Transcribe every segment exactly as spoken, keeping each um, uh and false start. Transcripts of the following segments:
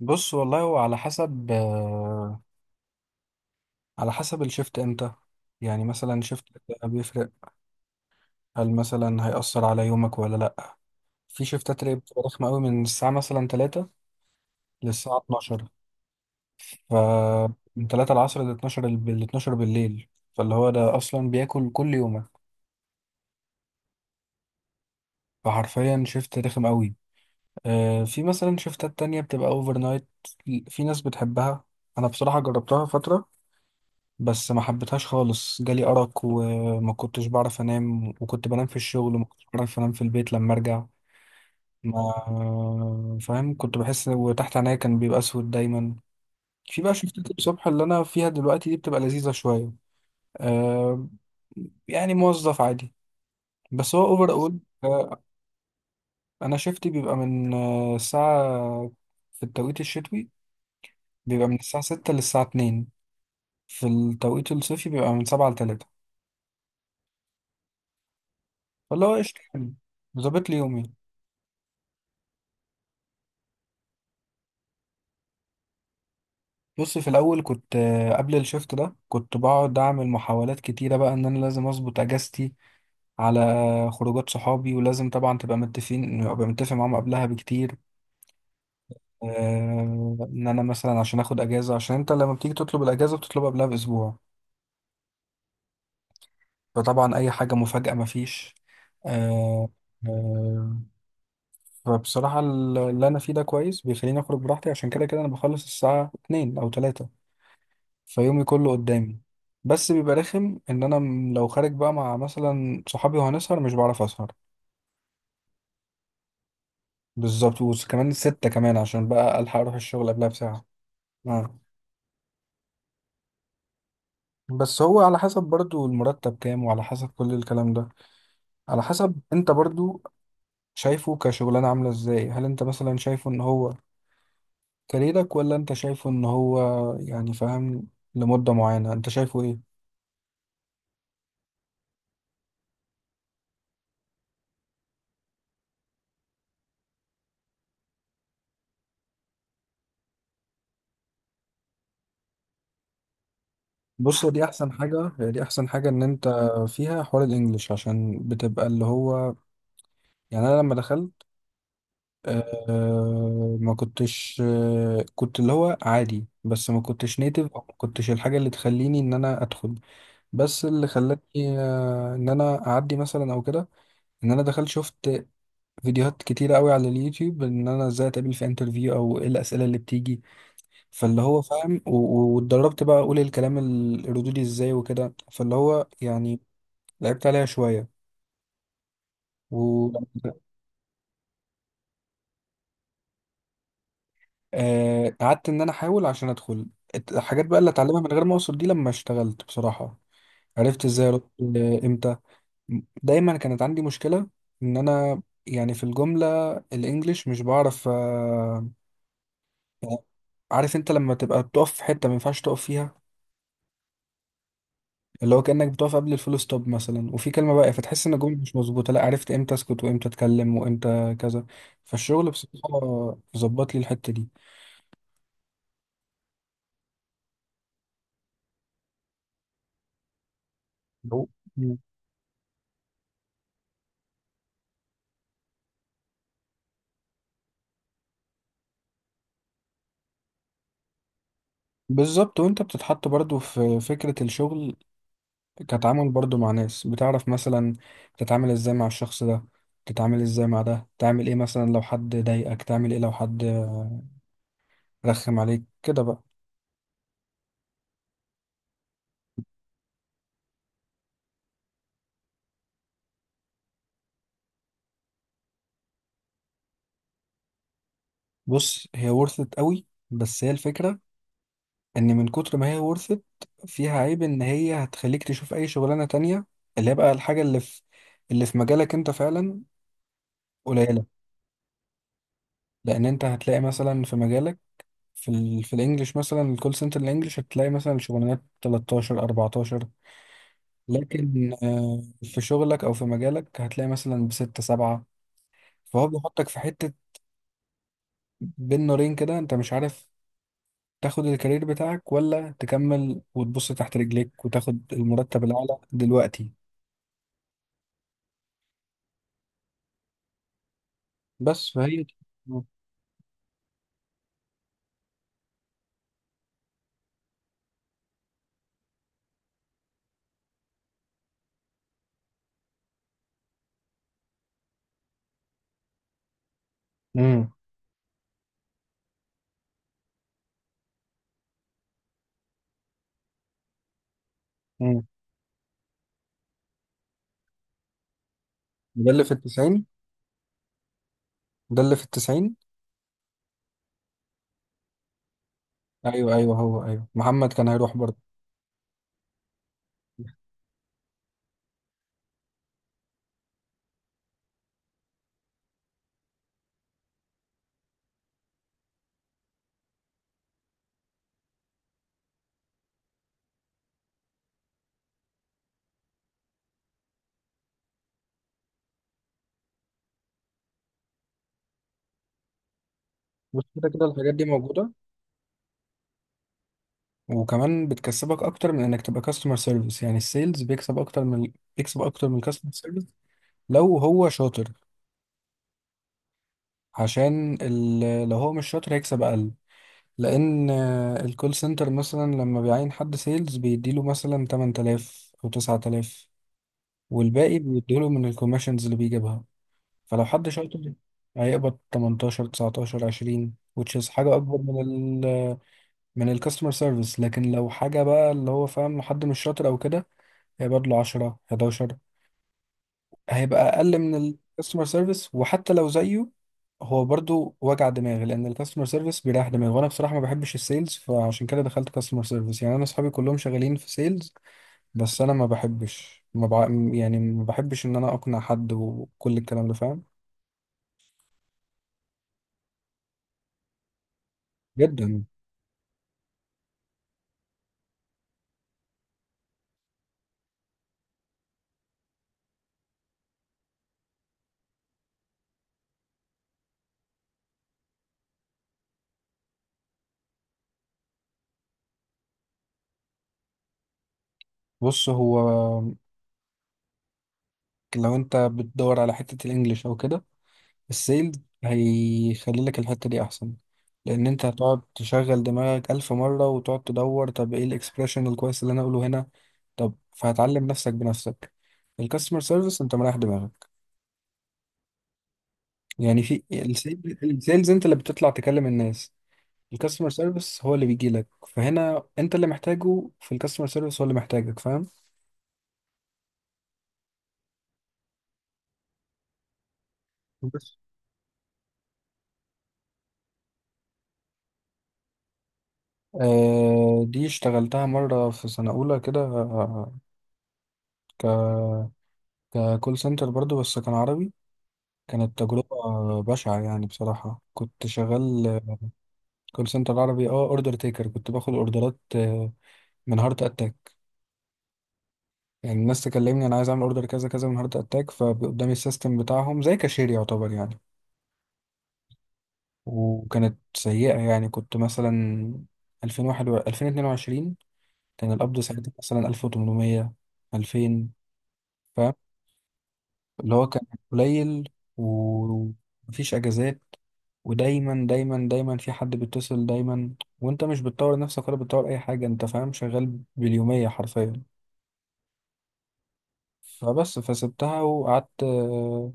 بص، والله هو على حسب آه، على حسب الشفت امتى. يعني مثلا شفت، بيفرق. هل مثلا هيأثر على يومك ولا لأ؟ في شفتات اللي بتبقى رخمة قوي من الساعة مثلا تلاتة للساعة اتناشر. ف من تلاتة العصر ل 12 الب- ل اتناشر بالليل. فاللي هو ده أصلا بياكل كل يومك. فحرفيا شفت رخم قوي. آه، في مثلا شفتات تانية بتبقى اوفر نايت. في ناس بتحبها. أنا بصراحة جربتها فترة، بس ما حبيتهاش خالص. جالي أرق وما كنتش بعرف أنام، وكنت بنام في الشغل، وما كنتش بعرف أنام في البيت لما أرجع. ما فاهم، كنت بحس وتحت عينيا كان بيبقى أسود دايما. في بقى شفتات الصبح اللي أنا فيها دلوقتي دي، بتبقى لذيذة شوية. آه يعني موظف عادي. بس هو أوفر أول. آه أنا شفتي بيبقى من آه، الساعة، في التوقيت الشتوي بيبقى من الساعة ستة للساعة اتنين. في التوقيت الصيفي بيبقى من سبعة لتلاتة. فاللي هو قشطة يعني. ظابط لي يومي. بص، في الاول كنت آه، قبل الشفت ده كنت بقعد اعمل محاولات كتيره بقى ان انا لازم اظبط اجازتي على خروجات صحابي. ولازم طبعا تبقى متفقين، ابقى متفق معاهم قبلها بكتير. آه، ان انا مثلا عشان اخد اجازه، عشان انت لما بتيجي تطلب الاجازه بتطلبها قبلها باسبوع. فطبعا اي حاجه مفاجاه مفيش. آه، آه، فبصراحه اللي انا فيه ده كويس، بيخليني اخرج براحتي عشان كده كده انا بخلص الساعه اتنين او تلاتة. فيومي كله قدامي. بس بيبقى رخم ان انا م- لو خارج بقى مع مثلا صحابي وهنسهر مش بعرف اسهر. بالظبط، وكمان ستة كمان عشان بقى الحق اروح الشغل قبلها بساعة آه. بس هو على حسب برضو المرتب كام، وعلى حسب كل الكلام ده، على حسب انت برضو شايفه كشغلانة عاملة ازاي. هل انت مثلا شايفه ان هو كاريرك، ولا انت شايفه ان هو يعني فاهم، لمدة معينة، انت شايفه ايه؟ بص، دي احسن حاجة، دي احسن حاجة ان انت فيها حوار الانجليش، عشان بتبقى اللي هو يعني. انا لما دخلت آه ما كنتش آه كنت اللي هو عادي، بس ما كنتش نيتف، او ما كنتش الحاجه اللي تخليني ان انا ادخل. بس اللي خلاني آه ان انا اعدي مثلا او كده. ان انا دخلت شفت فيديوهات كتيره قوي على اليوتيوب، ان انا ازاي اتقابل في انترفيو او ايه الاسئله اللي بتيجي. فاللي هو فاهم، و- و- واتدربت بقى اقول الكلام ال- الردودي ازاي وكده. فاللي هو يعني لعبت عليها شويه. آه، قعدت ان انا احاول عشان ادخل الت- الحاجات بقى اللي اتعلمها من غير ما اوصل دي. لما اشتغلت بصراحة، عرفت ازاي ارد آه، امتى. دايما كانت عندي مشكلة ان انا يعني في الجملة الانجليش مش بعرف آه، يعني، عارف انت لما تبقى بتقف في حتة ما ينفعش تقف فيها، اللي هو كأنك بتقف قبل الفول ستوب مثلا وفي كلمة بقى، فتحس ان الجملة مش مظبوطة. لا، عرفت امتى اسكت وامتى اتكلم وامتى كذا. فالشغل بصراحة ظبط لي الحتة دي. بالظبط، وانت بتتحط برضو في فكرة الشغل، كتعامل برضو مع ناس، بتعرف مثلا تتعامل ازاي مع الشخص ده، تتعامل ازاي مع ده، تعمل ايه مثلا لو حد ضايقك، تعمل ايه لو حد رخم عليك كده بقى. بص، هي ورثت قوي، بس هي الفكرة ان من كتر ما هي ورثت فيها عيب ان هي هتخليك تشوف اي شغلانة تانية، اللي هي بقى الحاجة اللي في اللي في مجالك انت فعلا، قليلة. لان انت هتلاقي مثلا في مجالك في ال... في الانجليش مثلا الكول سنتر الانجليش هتلاقي مثلا شغلانات تلتاشر اربعتاشر. لكن آه، في شغلك او في مجالك هتلاقي مثلا بستة سبعة. فهو بيحطك في حتة بين نارين كده، انت مش عارف تاخد الكارير بتاعك ولا تكمل وتبص تحت رجليك وتاخد المرتب الاعلى دلوقتي. بس فهي. امم امم ده اللي في التسعين. ده اللي في التسعين. ايوه، ايوه، هو ايوه، محمد كان هيروح برضه. بص، كده كده الحاجات دي موجودة، وكمان بتكسبك اكتر من انك تبقى كاستمر سيرفيس. يعني السيلز بيكسب اكتر من بيكسب اكتر من الكاستمر سيرفيس لو هو شاطر. عشان ال... لو هو مش شاطر هيكسب اقل. لان الكول سنتر مثلا لما بيعين حد سيلز بيديله مثلا تمن تلاف او تسعة آلاف، والباقي بيديله من الكوميشنز اللي بيجيبها. فلو حد شاطر هيقبض تمنتاشر تسعتاشر عشرين، which is حاجة أكبر من ال من الكاستمر سيرفيس. لكن لو حاجة بقى اللي هو فاهم، لو حد مش شاطر أو كده هيبقى له عشرة حداشر، هيبقى اقل من الكاستمر سيرفيس. وحتى لو زيه، هو برضو وجع دماغ، لان الكاستمر سيرفيس بيريح دماغ. وانا بصراحه ما بحبش السيلز، فعشان كده دخلت كاستمر سيرفيس. يعني انا اصحابي كلهم شغالين في سيلز، بس انا ما بحبش ما بع... يعني ما بحبش ان انا اقنع حد وكل الكلام ده، فاهم؟ جدا. بص، هو لو انت بتدور على حته الانجليش او كده، السيل هيخلي لك الحتة دي أحسن، لأن أنت هتقعد تشغل دماغك ألف مرة وتقعد تدور طب إيه الإكسبريشن الكويس اللي أنا أقوله هنا. طب فهتعلم نفسك بنفسك. الكاستمر سيرفيس أنت مريح دماغك. يعني في السيل- السيلز أنت اللي بتطلع تكلم الناس، الكاستمر سيرفيس هو اللي بيجي لك. فهنا أنت اللي محتاجه، في الكاستمر سيرفيس هو اللي محتاجك، فاهم؟ بس آه دي اشتغلتها مرة في سنة أولى كده، آه، ك ككول سنتر برضو بس كان عربي. كانت تجربة بشعة، يعني بصراحة كنت شغال كول سنتر عربي. اه اوردر تيكر، كنت باخد اوردرات آه، من هارت اتاك. يعني الناس تكلمني انا عايز اعمل اوردر كذا كذا من هارت اتاك، فقدامي السيستم بتاعهم زي كاشير يعتبر يعني. وكانت سيئة يعني. كنت مثلا الفين وواحد وعشرين الفين واتنين وعشرين كان القبض ساعتها مثلا ألف وثمانمئة ألفين، فاهم، اللي هو كان قليل. ومفيش اجازات، ودايما دايما دايما في حد بيتصل دايما. وانت مش بتطور نفسك ولا بتطور اي حاجه، انت فاهم، شغال باليوميه حرفيا. فبس، فسبتها وقعدت آه،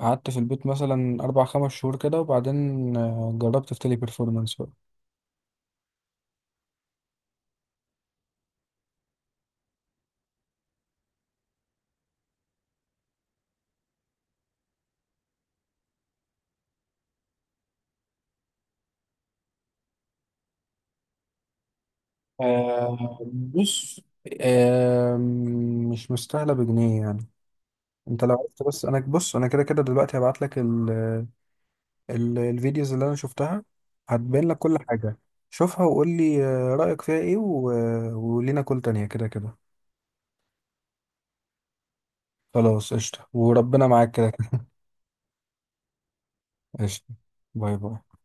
قعدت في البيت مثلا اربع خمس شهور كده، وبعدين آه، جربت في تيلي بيرفورمانس بقى. آه، بص آه، مش مستاهله بجنيه يعني. انت لو عرفت بس، انا بص انا كده كده دلوقتي هبعت لك ال- الفيديوز اللي انا شفتها، هتبين لك كل حاجة. شوفها وقول لي آه، رأيك فيها ايه و... آه، ولينا كل تانية كده كده. خلاص، قشطة، وربنا معاك كده كده. قشطة. باي باي.